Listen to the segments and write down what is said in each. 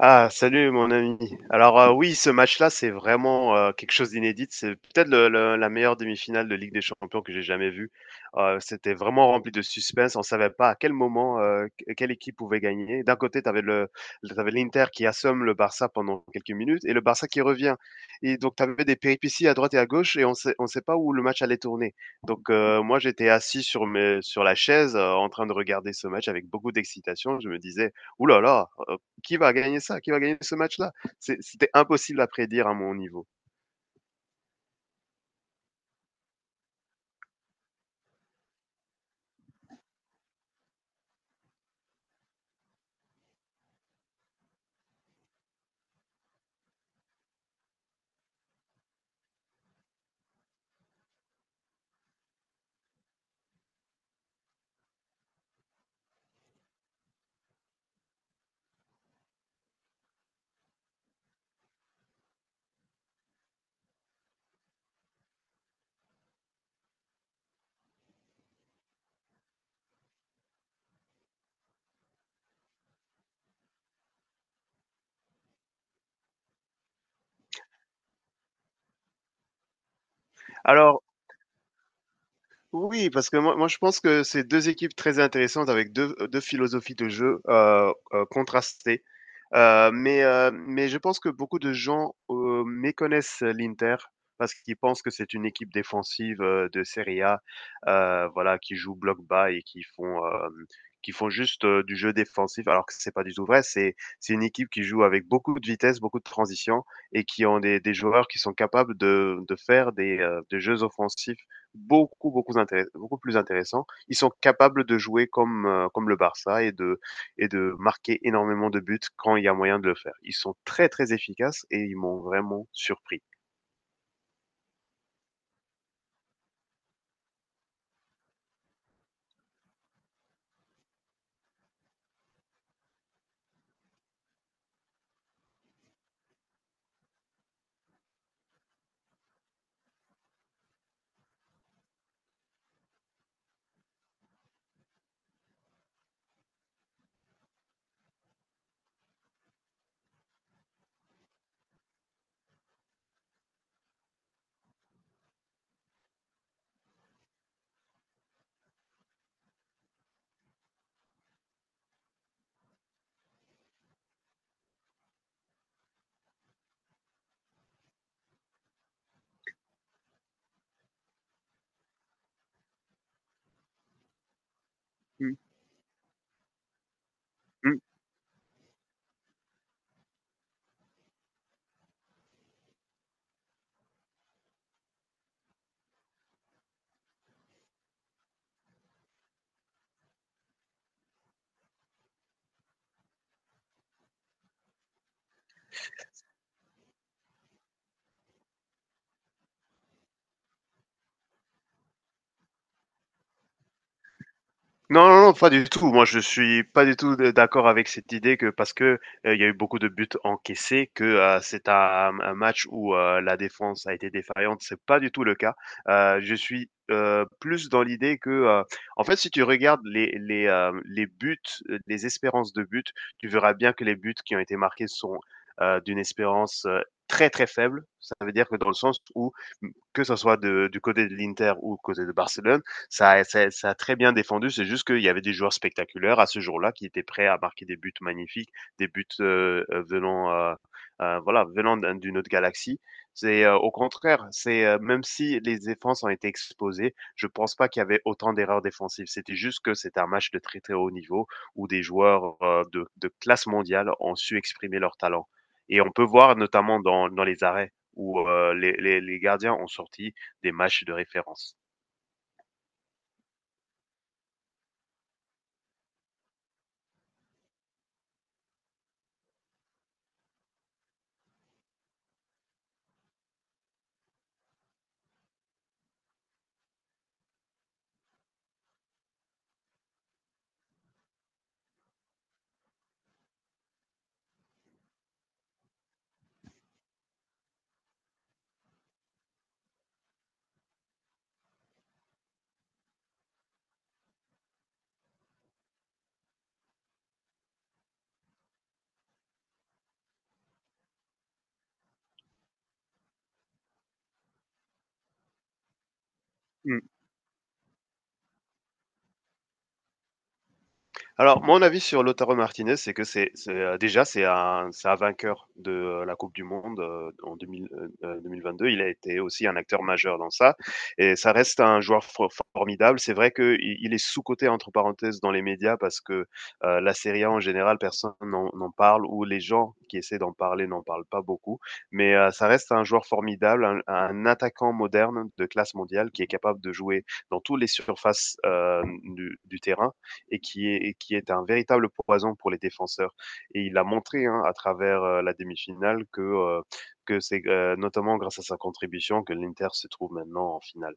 Ah, salut mon ami. Alors oui, ce match-là, c'est vraiment quelque chose d'inédit. C'est peut-être la meilleure demi-finale de Ligue des Champions que j'ai jamais vue. C'était vraiment rempli de suspense. On savait pas à quel moment quelle équipe pouvait gagner. D'un côté, t'avais l'Inter qui assomme le Barça pendant quelques minutes et le Barça qui revient. Et donc tu avais des péripéties à droite et à gauche et on sait pas où le match allait tourner. Donc moi, j'étais assis sur la chaise en train de regarder ce match avec beaucoup d'excitation. Je me disais, ouh là là, qui va gagner ça? Qui va gagner ce match-là? C'était impossible à prédire à mon niveau. Alors, oui, parce que moi je pense que c'est 2 équipes très intéressantes avec 2 philosophies de jeu, contrastées. Mais je pense que beaucoup de gens, méconnaissent l'Inter parce qu'ils pensent que c'est une équipe défensive, de Serie A, voilà, qui joue bloc bas et qui font juste, du jeu défensif alors que c'est pas du tout vrai. C'est une équipe qui joue avec beaucoup de vitesse, beaucoup de transition et qui ont des joueurs qui sont capables de faire des jeux offensifs beaucoup plus intéressant. Ils sont capables de jouer comme le Barça et de marquer énormément de buts quand il y a moyen de le faire. Ils sont très, très efficaces et ils m'ont vraiment surpris. Mm, mm. Non, non, non, pas du tout. Moi, je suis pas du tout d'accord avec cette idée que parce que il y a eu beaucoup de buts encaissés, que un match où la défense a été défaillante. C'est pas du tout le cas. Je suis plus dans l'idée que en fait, si tu regardes les buts, les espérances de buts, tu verras bien que les buts qui ont été marqués sont d'une espérance très très faible. Ça veut dire que dans le sens où que ce soit du côté de l'Inter ou du côté de Barcelone ça a très bien défendu, c'est juste qu'il y avait des joueurs spectaculaires à ce jour-là qui étaient prêts à marquer des buts magnifiques, des buts, heu, heu, venant, heu, voilà, venant d'une autre galaxie. Au contraire, même si les défenses ont été exposées, je pense pas qu'il y avait autant d'erreurs défensives. C'était juste que c'était un match de très, très haut niveau où des joueurs, de classe mondiale ont su exprimer leur talent et on peut voir notamment dans les arrêts où les gardiens ont sorti des matchs de référence. Mmh. Alors, mon avis sur Lautaro Martinez, c'est que déjà, c'est un vainqueur la Coupe du monde, en deux mille vingt deux. Mille vingt-deux. Il a été aussi un acteur majeur dans ça et ça reste un joueur formidable. C'est vrai qu'il il est «sous-coté» entre parenthèses dans les médias parce que, la Serie A en général, personne n'en parle ou les gens qui essaient d'en parler n'en parlent pas beaucoup. Mais, ça reste un joueur formidable, un attaquant moderne de classe mondiale qui est capable de jouer dans toutes les surfaces, du terrain et qui est un véritable poison pour les défenseurs. Et il a montré hein, à travers la demi-finale que c'est notamment grâce à sa contribution que l'Inter se trouve maintenant en finale.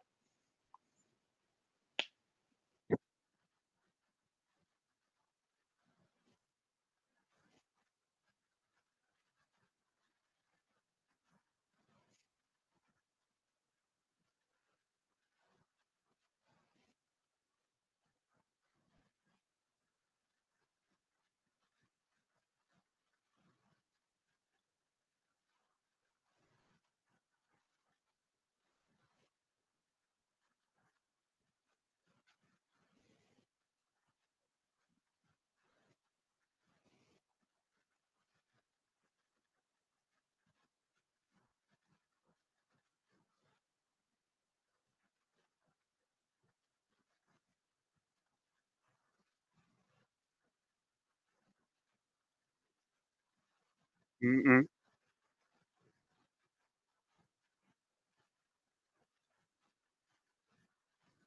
Mm, mm,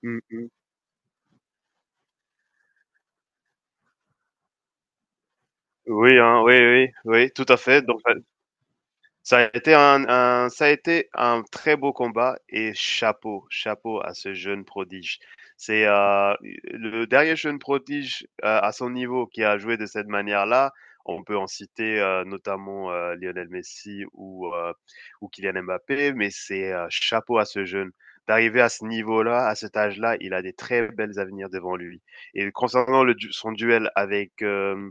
mm, mm. Oui, hein, oui, oui, oui, tout à fait. Donc, ça a été ça a été un très beau combat et chapeau, chapeau à ce jeune prodige. C'est le dernier jeune prodige à son niveau qui a joué de cette manière-là. On peut en citer notamment Lionel Messi ou Kylian Mbappé, mais c'est chapeau à ce jeune. D'arriver à ce niveau-là, à cet âge-là, il a des très belles avenirs devant lui. Et concernant son duel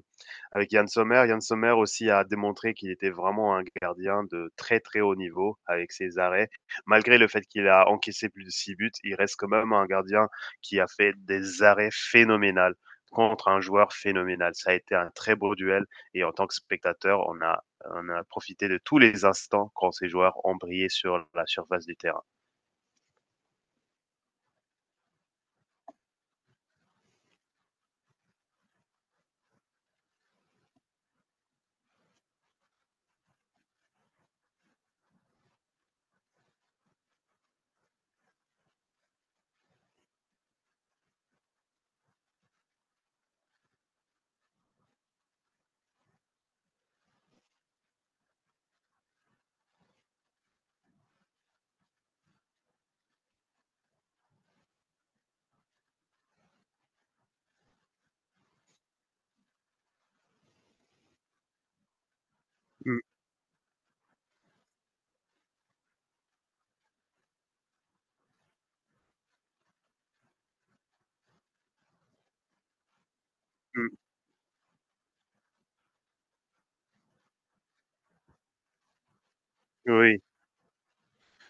avec Yann Sommer, Yann Sommer aussi a démontré qu'il était vraiment un gardien de très très haut niveau avec ses arrêts. Malgré le fait qu'il a encaissé plus de 6 buts, il reste quand même un gardien qui a fait des arrêts phénoménales contre un joueur phénoménal. Ça a été un très beau duel et en tant que spectateur, on a profité de tous les instants quand ces joueurs ont brillé sur la surface du terrain. Mm, mm, oui,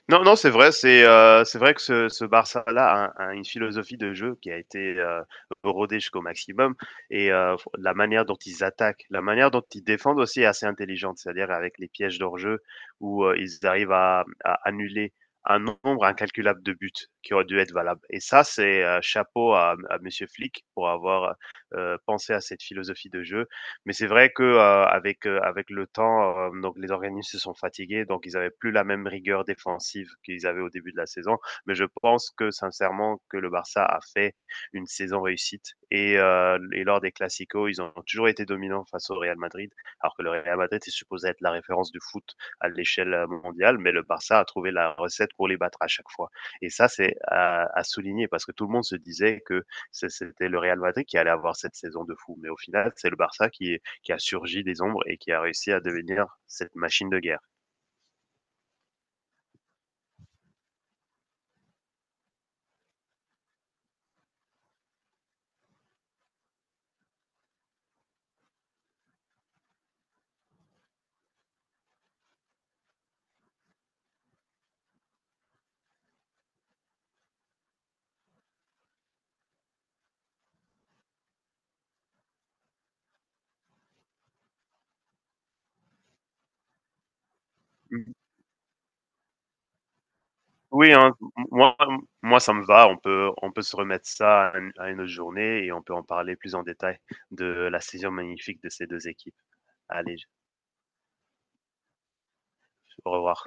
non, non, c'est vrai. C'est vrai que ce Barça-là a une philosophie de jeu qui a été rodée jusqu'au maximum. Et la manière dont ils attaquent, la manière dont ils défendent aussi est assez intelligente. C'est-à-dire avec les pièges d'hors-jeu où ils arrivent à annuler un nombre incalculable de buts qui auraient dû être valables. Et ça, c'est chapeau à Monsieur Flick pour avoir pensé à cette philosophie de jeu mais c'est vrai que avec le temps, donc les organismes se sont fatigués, donc ils avaient plus la même rigueur défensive qu'ils avaient au début de la saison. Mais je pense que sincèrement que le Barça a fait une saison réussite et lors des clasico, ils ont toujours été dominants face au Real Madrid, alors que le Real Madrid est supposé être la référence du foot à l'échelle mondiale, mais le Barça a trouvé la recette pour les battre à chaque fois. Et ça, c'est à souligner parce que tout le monde se disait que c'était le Real Madrid qui allait avoir cette saison de fou, mais au final, c'est le Barça qui a surgi des ombres et qui a réussi à devenir cette machine de guerre. Oui, hein, moi, moi, ça me va. On peut se remettre ça à une autre journée et on peut en parler plus en détail de la saison magnifique de ces deux équipes. Allez, au revoir.